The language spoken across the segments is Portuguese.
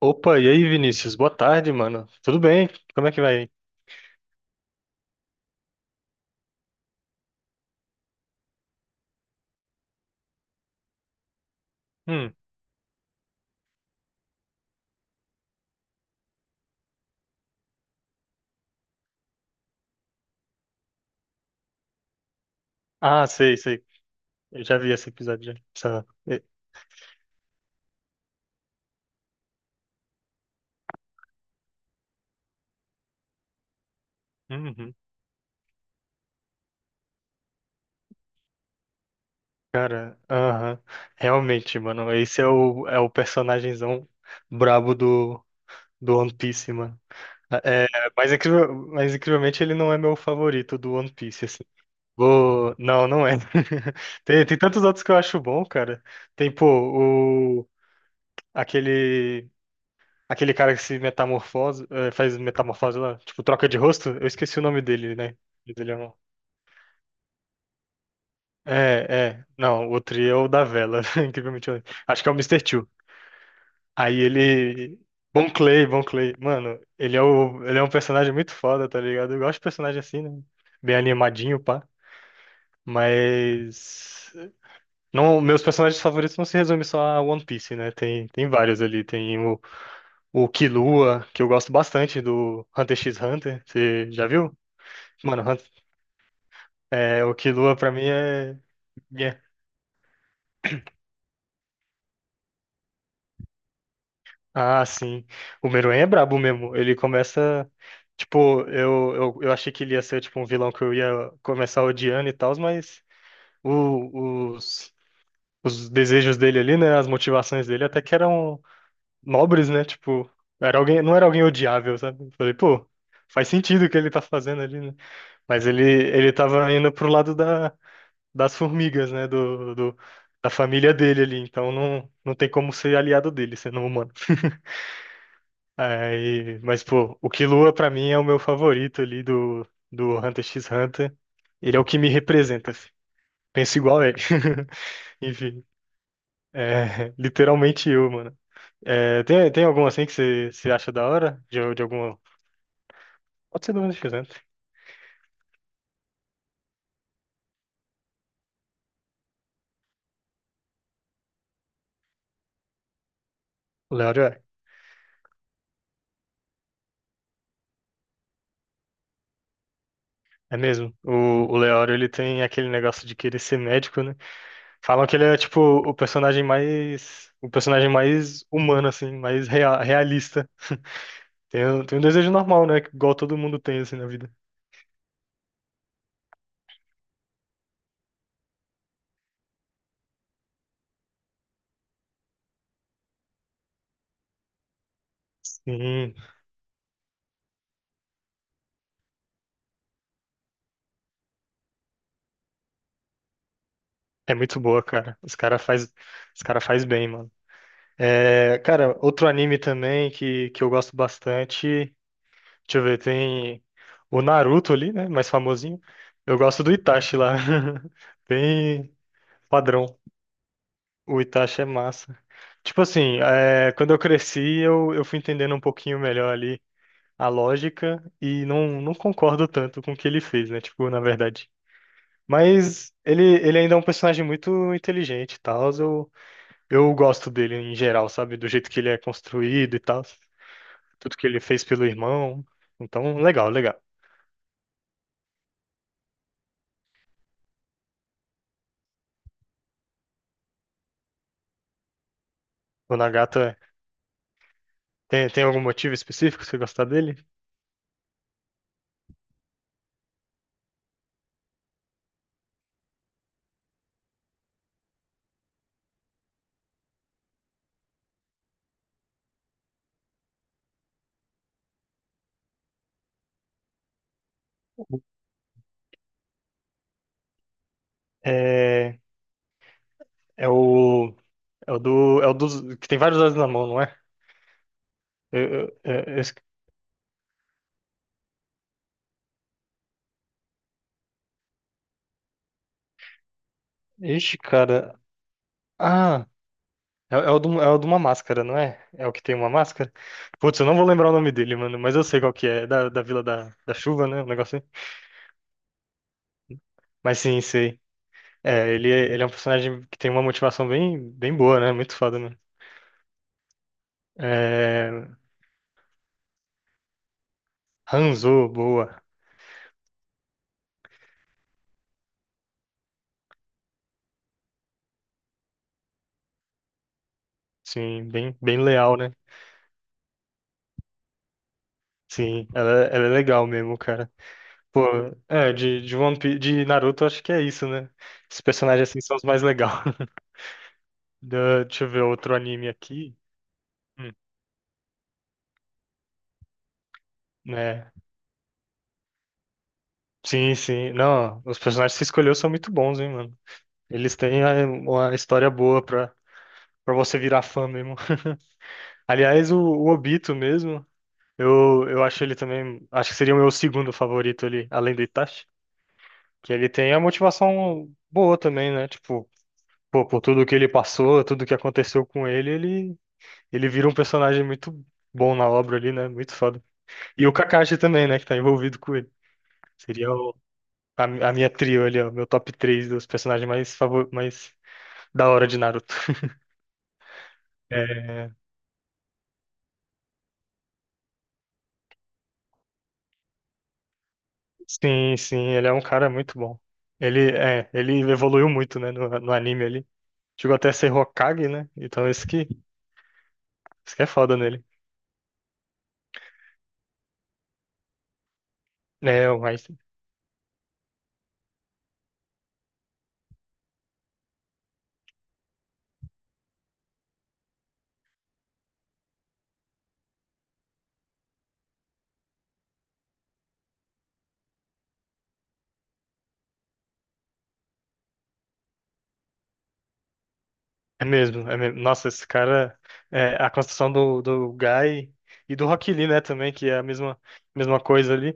Opa, e aí, Vinícius? Boa tarde, mano. Tudo bem? Como é que vai? Aí? Hum. Ah, sei, sei. Eu já vi esse episódio já. É, uhum. Cara, aham. Realmente, mano. É o personagemzão brabo do One Piece, mano. É, mas, incrível, mas incrivelmente ele não é meu favorito do One Piece, assim. Vou... Não, não é. Tem, tem tantos outros que eu acho bom, cara. Tem, pô, o... aquele. Aquele cara que se metamorfose, faz metamorfose lá, tipo, troca de rosto? Eu esqueci o nome dele, né? Mas ele é É, é. Não, o outro é o da vela, incrivelmente. Acho que é o Mister Two. Aí ele. Bon Clay, Bon Clay. Mano, ele é, o... ele é um personagem muito foda, tá ligado? Eu gosto de personagem assim, né? Bem animadinho, pá. Mas. Não, meus personagens favoritos não se resumem só a One Piece, né? Tem, tem vários ali. O Killua, que eu gosto bastante, do Hunter x Hunter. Você já viu? Mano, é, o Killua pra mim é... é- Ah, sim. O Meruem é brabo mesmo. Ele começa. Tipo, eu achei que ele ia ser tipo um vilão que eu ia começar odiando e tal, mas o- os, os desejos dele ali, né? As motivações dele até que eram nobres, né? Tipo, era alguém, não era alguém odiável, sabe? Falei, pô, faz sentido o que ele tá fazendo ali, né? Mas ele tava indo pro lado da. Das formigas, né? Da família dele ali. Então não, não tem como ser aliado dele, sendo um humano. Aí, mas, pô, o Killua pra mim é o meu favorito ali do Hunter x Hunter. Ele é o que me representa. Assim. Penso igual a ele. Enfim, é literalmente eu, mano. É, tem, tem algum assim que você acha da hora? De alguma. Pode ser do Hunter x Hunter. O Leório é. É mesmo. O Leório ele tem aquele negócio de querer ser médico, né? Falam que ele é tipo o personagem mais humano assim, mais realista. Tem, tem um desejo normal, né? Igual todo mundo tem assim na vida. Sim, é muito boa, cara. Os cara faz bem, mano. É, cara, outro anime também que eu gosto bastante. Deixa eu ver, tem o Naruto ali, né? Mais famosinho. Eu gosto do Itachi lá. Bem padrão. O Itachi é massa. Tipo assim, é, quando eu cresci, eu fui entendendo um pouquinho melhor ali a lógica e não, não concordo tanto com o que ele fez, né? Tipo, na verdade. Mas ele ainda é um personagem muito inteligente e tal. Eu gosto dele em geral, sabe? Do jeito que ele é construído e tal. Tudo que ele fez pelo irmão. Então, legal, legal. O Nagata tem, tem algum motivo específico pra você gostar dele? É, é o. É o do. É o dos. Que tem vários dados na mão, não é? Eu, eu, é- esse- ixi, cara. Ah, é, é o do, é o de uma máscara, não é? É o que tem uma máscara? Putz, eu não vou lembrar o nome dele, mano, mas eu sei qual que é. É da Vila da Chuva, né? Um negócio assim. Mas sim, sei. É, ele, ele é um personagem que tem uma motivação bem, bem boa, né? Muito foda, mano. É, Hanzo, boa. Sim, bem, bem leal, né? Sim, ela é legal mesmo, cara. Pô, é, de One Piece, de Naruto, acho que é isso, né? Os personagens assim são os mais legais. Deixa eu ver outro anime aqui. Hum, né? Sim, sim. Não, os personagens que você escolheu são muito bons, hein, mano? Eles têm é, uma história boa pra, pra você virar fã mesmo. Aliás, o Obito mesmo, eu acho ele também. Acho que seria o meu segundo favorito ali, além do Itachi. Que ele tem a motivação boa também, né? Tipo, pô, por tudo que ele passou, tudo que aconteceu com ele, ele. Ele vira um personagem muito bom na obra ali, né? Muito foda. E o Kakashi também, né? Que tá envolvido com ele. Seria a minha trio ali, ó. Meu top 3 dos personagens mais, favor, mais da hora de Naruto. É, sim, sim, ele é um cara muito bom. Ele, é, ele evoluiu muito, né, no anime ali. Chegou até a ser Hokage, né? Então isso que é foda nele. É, mas é mesmo, é mesmo. Nossa, esse cara, é, a construção do Guy e do Rock Lee, né, também, que é a mesma coisa ali.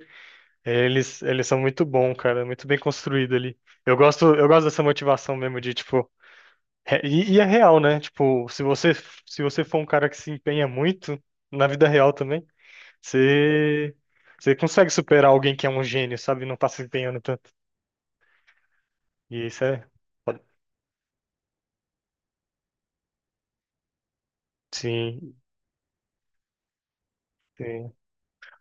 Eles são muito bom, cara, muito bem construído ali. Eu gosto dessa motivação mesmo de tipo, e é real, né? Tipo, se você for um cara que se empenha muito na vida real também, você você consegue superar alguém que é um gênio, sabe? Não tá se empenhando tanto. E isso é sim, sim.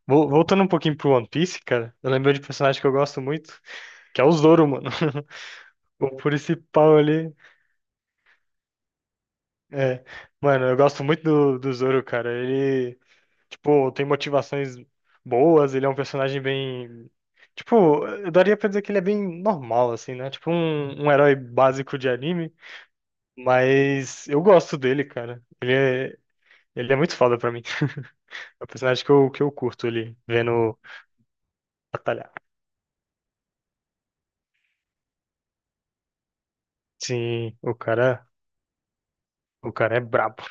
Voltando um pouquinho pro One Piece, cara, eu lembro de um personagem que eu gosto muito, que é o Zoro, mano. O principal ali. É. Mano, eu gosto muito do Zoro, cara. Ele tipo, tem motivações boas, ele é um personagem bem. Tipo, eu daria pra dizer que ele é bem normal, assim, né? Tipo, um herói básico de anime. Mas eu gosto dele, cara. Ele é muito foda pra mim. É o personagem que que eu curto ele vendo batalhar. Sim, o cara é brabo.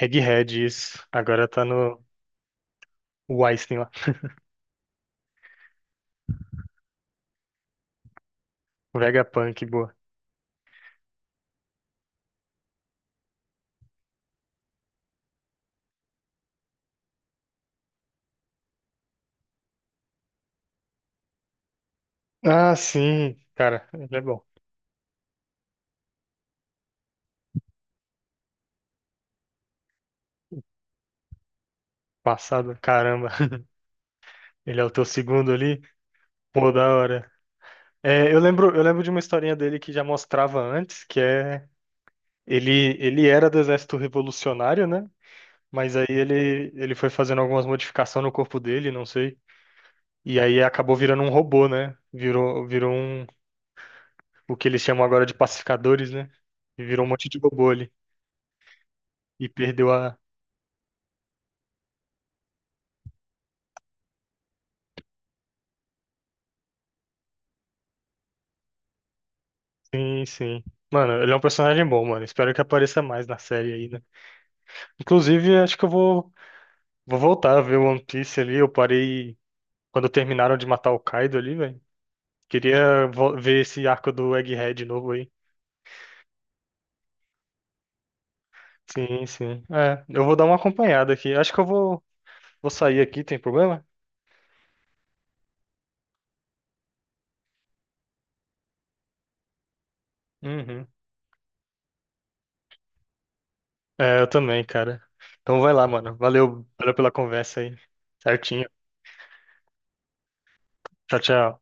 Egghead, isso. Agora tá no o Einstein lá. O Vegapunk, boa. Ah, sim, cara, ele é bom. Passado, caramba. Ele é o teu segundo ali? Pô, da hora. É, eu lembro de uma historinha dele que já mostrava antes, que é ele, ele era do exército revolucionário, né? Mas aí ele foi fazendo algumas modificações no corpo dele, não sei. E aí acabou virando um robô, né? Virou um, o que eles chamam agora de pacificadores, né? E virou um monte de robô ali. E perdeu a. Sim, sim. Mano, ele é um personagem bom, mano. Espero que apareça mais na série aí, né? Inclusive, acho que vou voltar a ver One Piece ali. Eu parei quando terminaram de matar o Kaido ali, velho. Queria ver esse arco do Egghead de novo aí. Sim, sim. É, eu vou dar uma acompanhada aqui. Acho que vou sair aqui, tem problema? Uhum. É, eu também, cara. Então vai lá, mano. Valeu, valeu pela conversa aí. Certinho. Tchau, tchau.